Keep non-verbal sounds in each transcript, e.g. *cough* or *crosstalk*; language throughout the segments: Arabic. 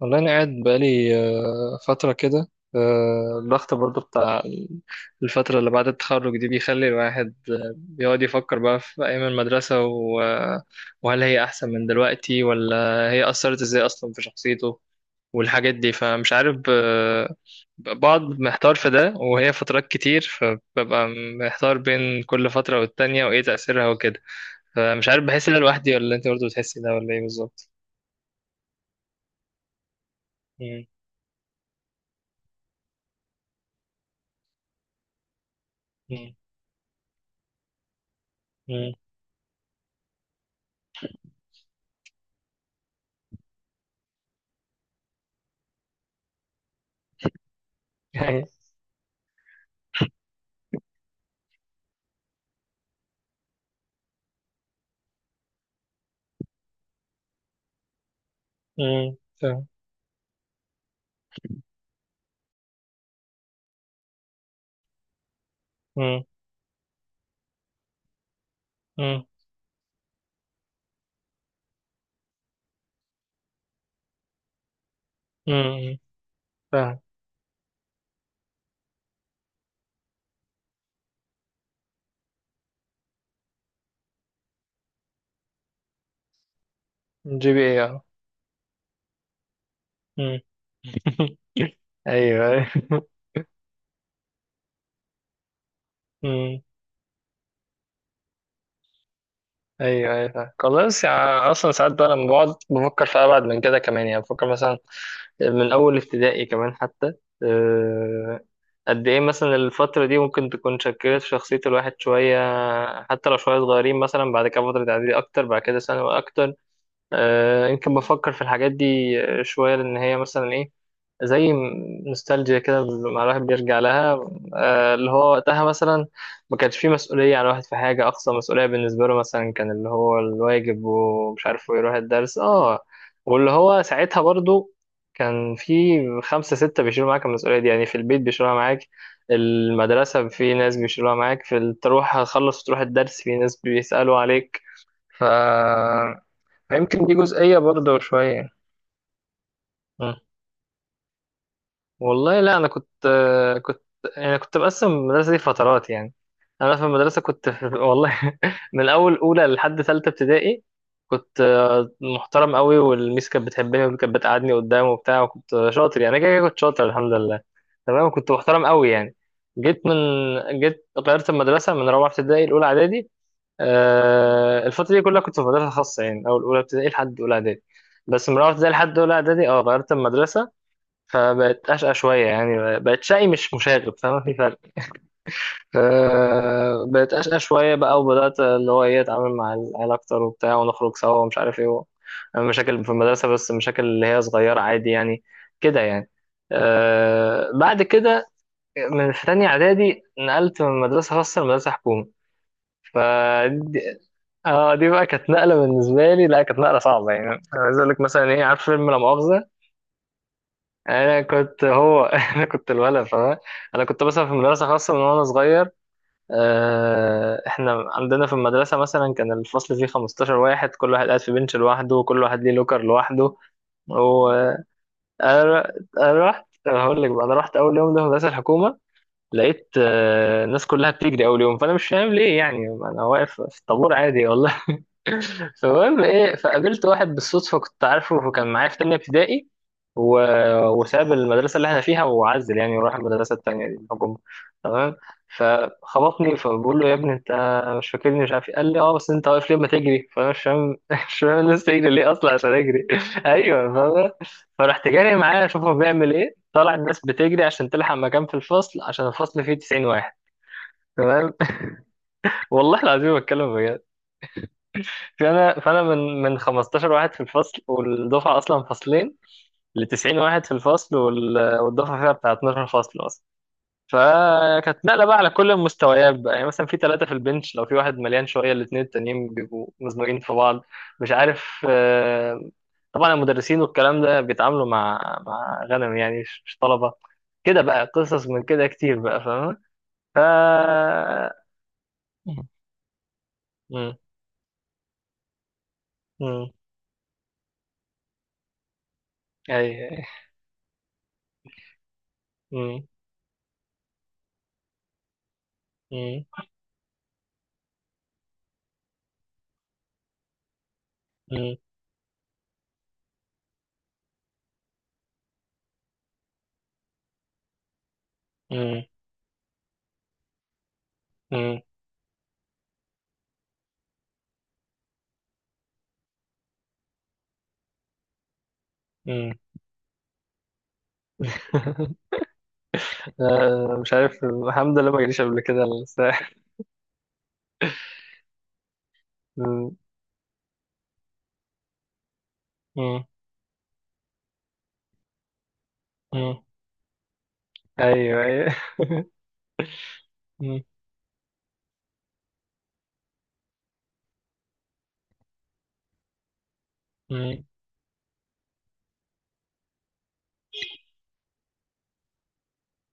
والله أنا قاعد بقالي فترة كده. الضغط برضو بتاع الفترة اللي بعد التخرج دي بيخلي الواحد بيقعد يفكر بقى في أيام المدرسة وهل هي أحسن من دلوقتي ولا هي أثرت إزاي أصلا في شخصيته والحاجات دي؟ فمش عارف، بقعد محتار في ده، وهي فترات كتير فببقى محتار بين كل فترة والتانية وإيه تأثيرها وكده. فمش عارف، بحس إن أنا لوحدي ولا أنت برضو بتحسي ده ولا إيه بالظبط؟ مم. مم. مم. *laughs* امم، فاهم. امم. امم. امم، فاهم. جي بي اي، اه. امم *laughs* ايوه، ايوه. امم. ايوه، ايوه، فاهم. خلاص، يعني اصلا ساعات بقى لما بقعد بفكر في ابعد من كده كمان، يعني بفكر مثلا من اول ابتدائي كمان حتى، آه، قد ايه مثلا الفترة دي ممكن تكون شكلت شخصية الواحد شوية، حتى لو شوية صغيرين، مثلا بعد كده فترة اعدادي اكتر، بعد كده ثانوي اكتر. يمكن بفكر في الحاجات دي شوية، لأن هي مثلا إيه، زي نوستالجيا كده، مع الواحد بيرجع لها. اللي هو وقتها مثلا ما كانش فيه مسؤولية على الواحد في حاجة، أقصى مسؤولية بالنسبة له مثلا كان اللي هو الواجب ومش عارف ويروح الدرس. واللي هو ساعتها برضو كان في خمسة ستة بيشيلوا معاك المسؤولية دي، يعني في البيت بيشيلوها معاك، المدرسة في ناس بيشيلوها معاك، تروح تخلص وتروح الدرس في ناس بيسألوا عليك. يمكن دي جزئية برضه شوية. مم. والله لا، أنا كنت، كنت كنت بقسم المدرسة دي فترات يعني. أنا في المدرسة كنت والله *laughs* من أول أولى لحد تالتة ابتدائي كنت محترم قوي، والميس كانت بتحبني وكانت بتقعدني قدام وبتاع، وكنت شاطر، يعني كده كده كنت شاطر الحمد لله. تمام، كنت محترم قوي يعني. جيت من جيت غيرت المدرسة من رابعة ابتدائي لأولى إعدادي. الفترة دي كلها كنت في مدرسة خاصة، يعني أول أولى ابتدائي لحد أولى إعدادي. بس من أولى ابتدائي لحد أولى إعدادي غيرت المدرسة، فبقت أشقى شوية، يعني بقت شقي مش مشاغب، فما في فرق. بقت أشقى شوية بقى، وبدأت اللي هو إيه أتعامل مع العيال أكتر وبتاع، ونخرج سوا ومش عارف إيه، مشاكل في المدرسة، بس مشاكل اللي هي صغيرة عادي يعني، كده يعني. بعد كده من في تانية إعدادي نقلت من مدرسة خاصة لمدرسة حكومة. ف اه، دي بقى كانت نقله بالنسبه لي، لا كانت نقله صعبه يعني. انا عايز اقول لك مثلا ايه، عارف فيلم لا مؤاخذه؟ انا كنت هو *laughs* انا كنت الولد فاهم. انا كنت مثلا في مدرسه خاصه من وانا صغير. احنا عندنا في المدرسه مثلا كان الفصل فيه 15 واحد، كل واحد قاعد في بنش لوحده، وكل واحد ليه لوكر لوحده. وانا أنا هقول لك بقى، انا رحت اول يوم ده في مدرسه الحكومه، لقيت الناس كلها بتجري اول يوم، فانا مش فاهم ليه، يعني انا واقف في الطابور عادي والله. فالمهم ايه، فقابلت واحد بالصدفه كنت عارفه، فكان معايا في تانية ابتدائي و... وساب المدرسه اللي احنا فيها وعزل يعني، وراح المدرسه التانية دي الحكومه. تمام، فخبطني، فبقول له يا ابني انت مش فاكرني، مش عارف إيه. قال لي اه، بس انت واقف ليه ما تجري؟ فانا مش فاهم *laughs* مش فاهم الناس تجري ليه اصلا عشان اجري. *laughs* ايوه فاهم. فرحت جاري معاه اشوف هو بيعمل ايه، طلع الناس بتجري عشان تلحق مكان في الفصل، عشان الفصل فيه 90 واحد. تمام. *laughs* والله العظيم بتكلم بجد. فانا من 15 واحد في الفصل والدفعه اصلا فصلين، ل 90 واحد في الفصل، والدفعه فيها بتاع 12 فصل اصلا. فكانت نقله بقى على كل المستويات بقى، يعني مثلا في ثلاثه في البنش، لو في واحد مليان شويه الاثنين التانيين بيبقوا مزمجين في بعض، مش عارف. طبعا المدرسين والكلام ده بيتعاملوا مع غنم يعني، مش طلبه، كده بقى. قصص من كده كتير بقى فاهم. ف مم. مم. مم. اي، أي. مم. مم. مم. مم. مم. *laughs* لا، مش عارف، الحمد لله ما جاليش قبل كده الساحل. مم. مم. مم. ايوه، ايوه. مم. مم.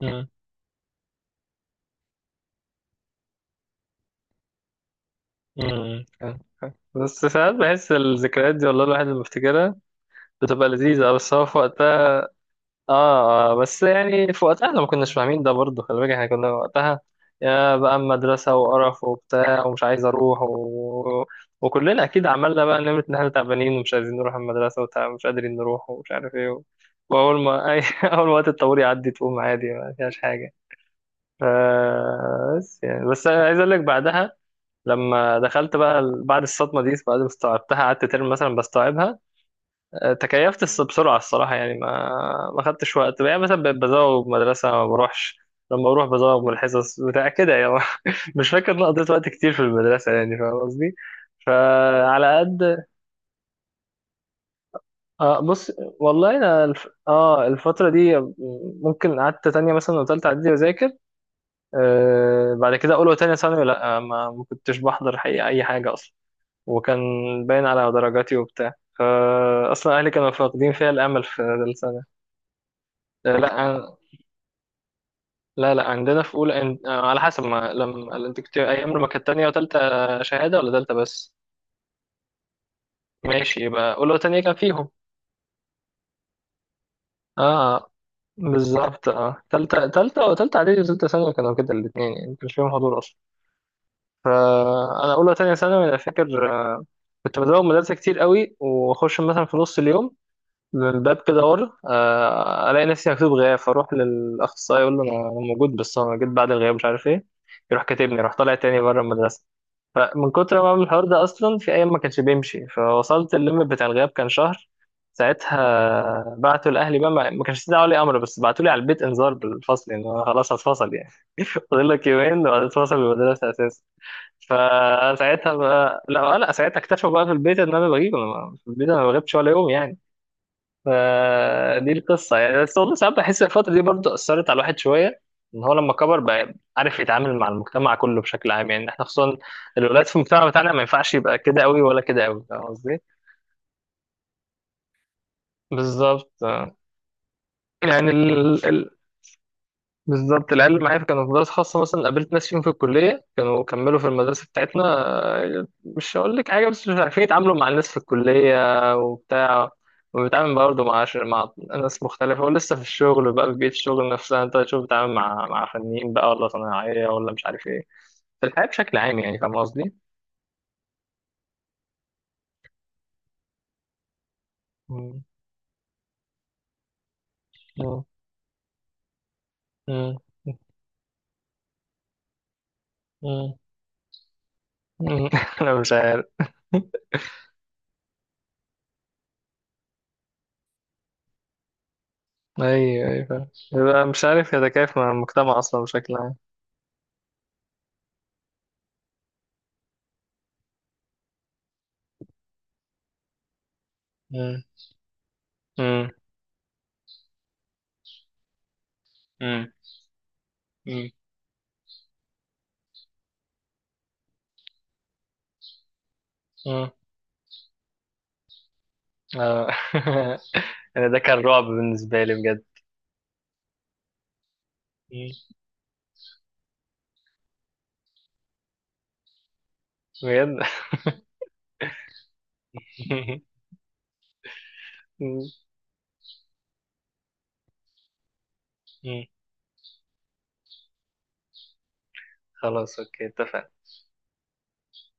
مم. مم. بس ساعات بحس الذكريات دي، والله الواحد لما بيفتكرها بتبقى لذيذة، بس هو في وقتها. اه. بس يعني في وقتها احنا ما كناش فاهمين ده برضه، خلي بالك احنا كنا وقتها يا بقى مدرسة وقرف وبتاع، ومش عايز اروح وكلنا اكيد عملنا بقى نمرة ان احنا تعبانين، ومش عايزين نروح المدرسة، ومش قادرين نروح، ومش عارف ايه واول ما *laughs* اول ما وقت الطابور يعدي تقوم عادي، ما فيهاش حاجة. ف... بس يعني، بس أنا عايز اقول لك بعدها، لما دخلت بقى بعد الصدمة دي، بعد ما استوعبتها، قعدت ترم مثلا بستوعبها. تكيفت بسرعة الصراحة، يعني ما خدتش وقت، يعني مثلا بقيت بزوغ من المدرسة ما بروحش، لما بروح بزوغ من الحصص بتاع كده يعني. *laughs* مش فاكر إن أنا قضيت وقت كتير في المدرسة، يعني فاهم قصدي؟ فعلى قد. آه، بص، والله أنا الفترة دي ممكن قعدت تانية مثلا وتالتة إعدادي بذاكر، بعد كده أولى وتانية ثانوي لأ، ما كنتش بحضر حقيقة أي حاجة أصلا، وكان باين على درجاتي وبتاع، فا أصلا أهلي كانوا فاقدين فيها الأمل في السنة. لا، لا، لا، عندنا في اولى إن... آه، على حسب ما، لما انت كنت ايام، لما كانت تانية وتالتة شهادة ولا تالتة بس؟ ماشي، يبقى اولى وتانية كان فيهم. اه، آه، بالظبط، اه، تالتة وتالتة اعدادي وتالتة ثانوي كانوا كده الاتنين، يعني ما كانش فيهم حضور اصلا. فانا اولى وتانية ثانوي انا فاكر كنت بزوغ مدرسة كتير قوي، واخش مثلا في نص اليوم من الباب كده ورا، الاقي نفسي مكتوب غياب، فاروح للاخصائي اقول له انا موجود، بس انا جيت بعد الغياب مش عارف ايه، يروح كاتبني، راح طالع تاني بره المدرسه. فمن كتر ما بعمل الحوار ده، اصلا في ايام ما كانش بيمشي، فوصلت الليمت بتاع الغياب كان شهر، ساعتها بعتوا لاهلي بقى، ما كانش استدعوا لي امر، بس بعتوا لي على البيت انذار بالفصل، ان انا خلاص هتفصل يعني. *laughs* فاضل لك يومين وهتتفصل من المدرسه اساسا. فساعتها بقى، لا لا، ساعتها اكتشفوا بقى في البيت ان انا بغيب، انا في البيت انا ما بغيبش ولا يوم يعني. فدي القصة يعني. بس والله ساعات بحس الفترة دي برضه أثرت على الواحد شوية، إن هو لما كبر بقى عارف يتعامل مع المجتمع كله بشكل عام. يعني إحنا خصوصا الولاد في المجتمع بتاعنا ما ينفعش يبقى كده أوي ولا كده أوي، فاهم قصدي؟ بالظبط. يعني بالظبط، العيال اللي معايا كانوا في مدارس خاصة مثلا، قابلت ناس فيهم في الكلية كانوا كملوا في المدرسة بتاعتنا، مش هقول لك حاجة، بس مش عارفين يتعاملوا مع الناس في الكلية وبتاع، وبيتعامل برضه مع ناس مختلفة، ولسه في الشغل بقى، في بيئة الشغل نفسها انت تشوف بتتعامل مع فنيين بقى، ولا صناعية، ولا مش عارف ايه، في الحياة بشكل عام، يعني فاهم قصدي؟ *laughs* مم. مم. مم. مم. مم. *laughs* انا مش عارف. ايوه، ايوه، فاهم. يبقى مش عارف يتكيف مع المجتمع اصلا بشكل عام. مم. مم. مم. مم. مم. آه. *laughs* انا ده كان رعب بالنسبة لي بجد. مم. بجد. *laughs* مم. مم. خلاص، اوكي، اتفقنا.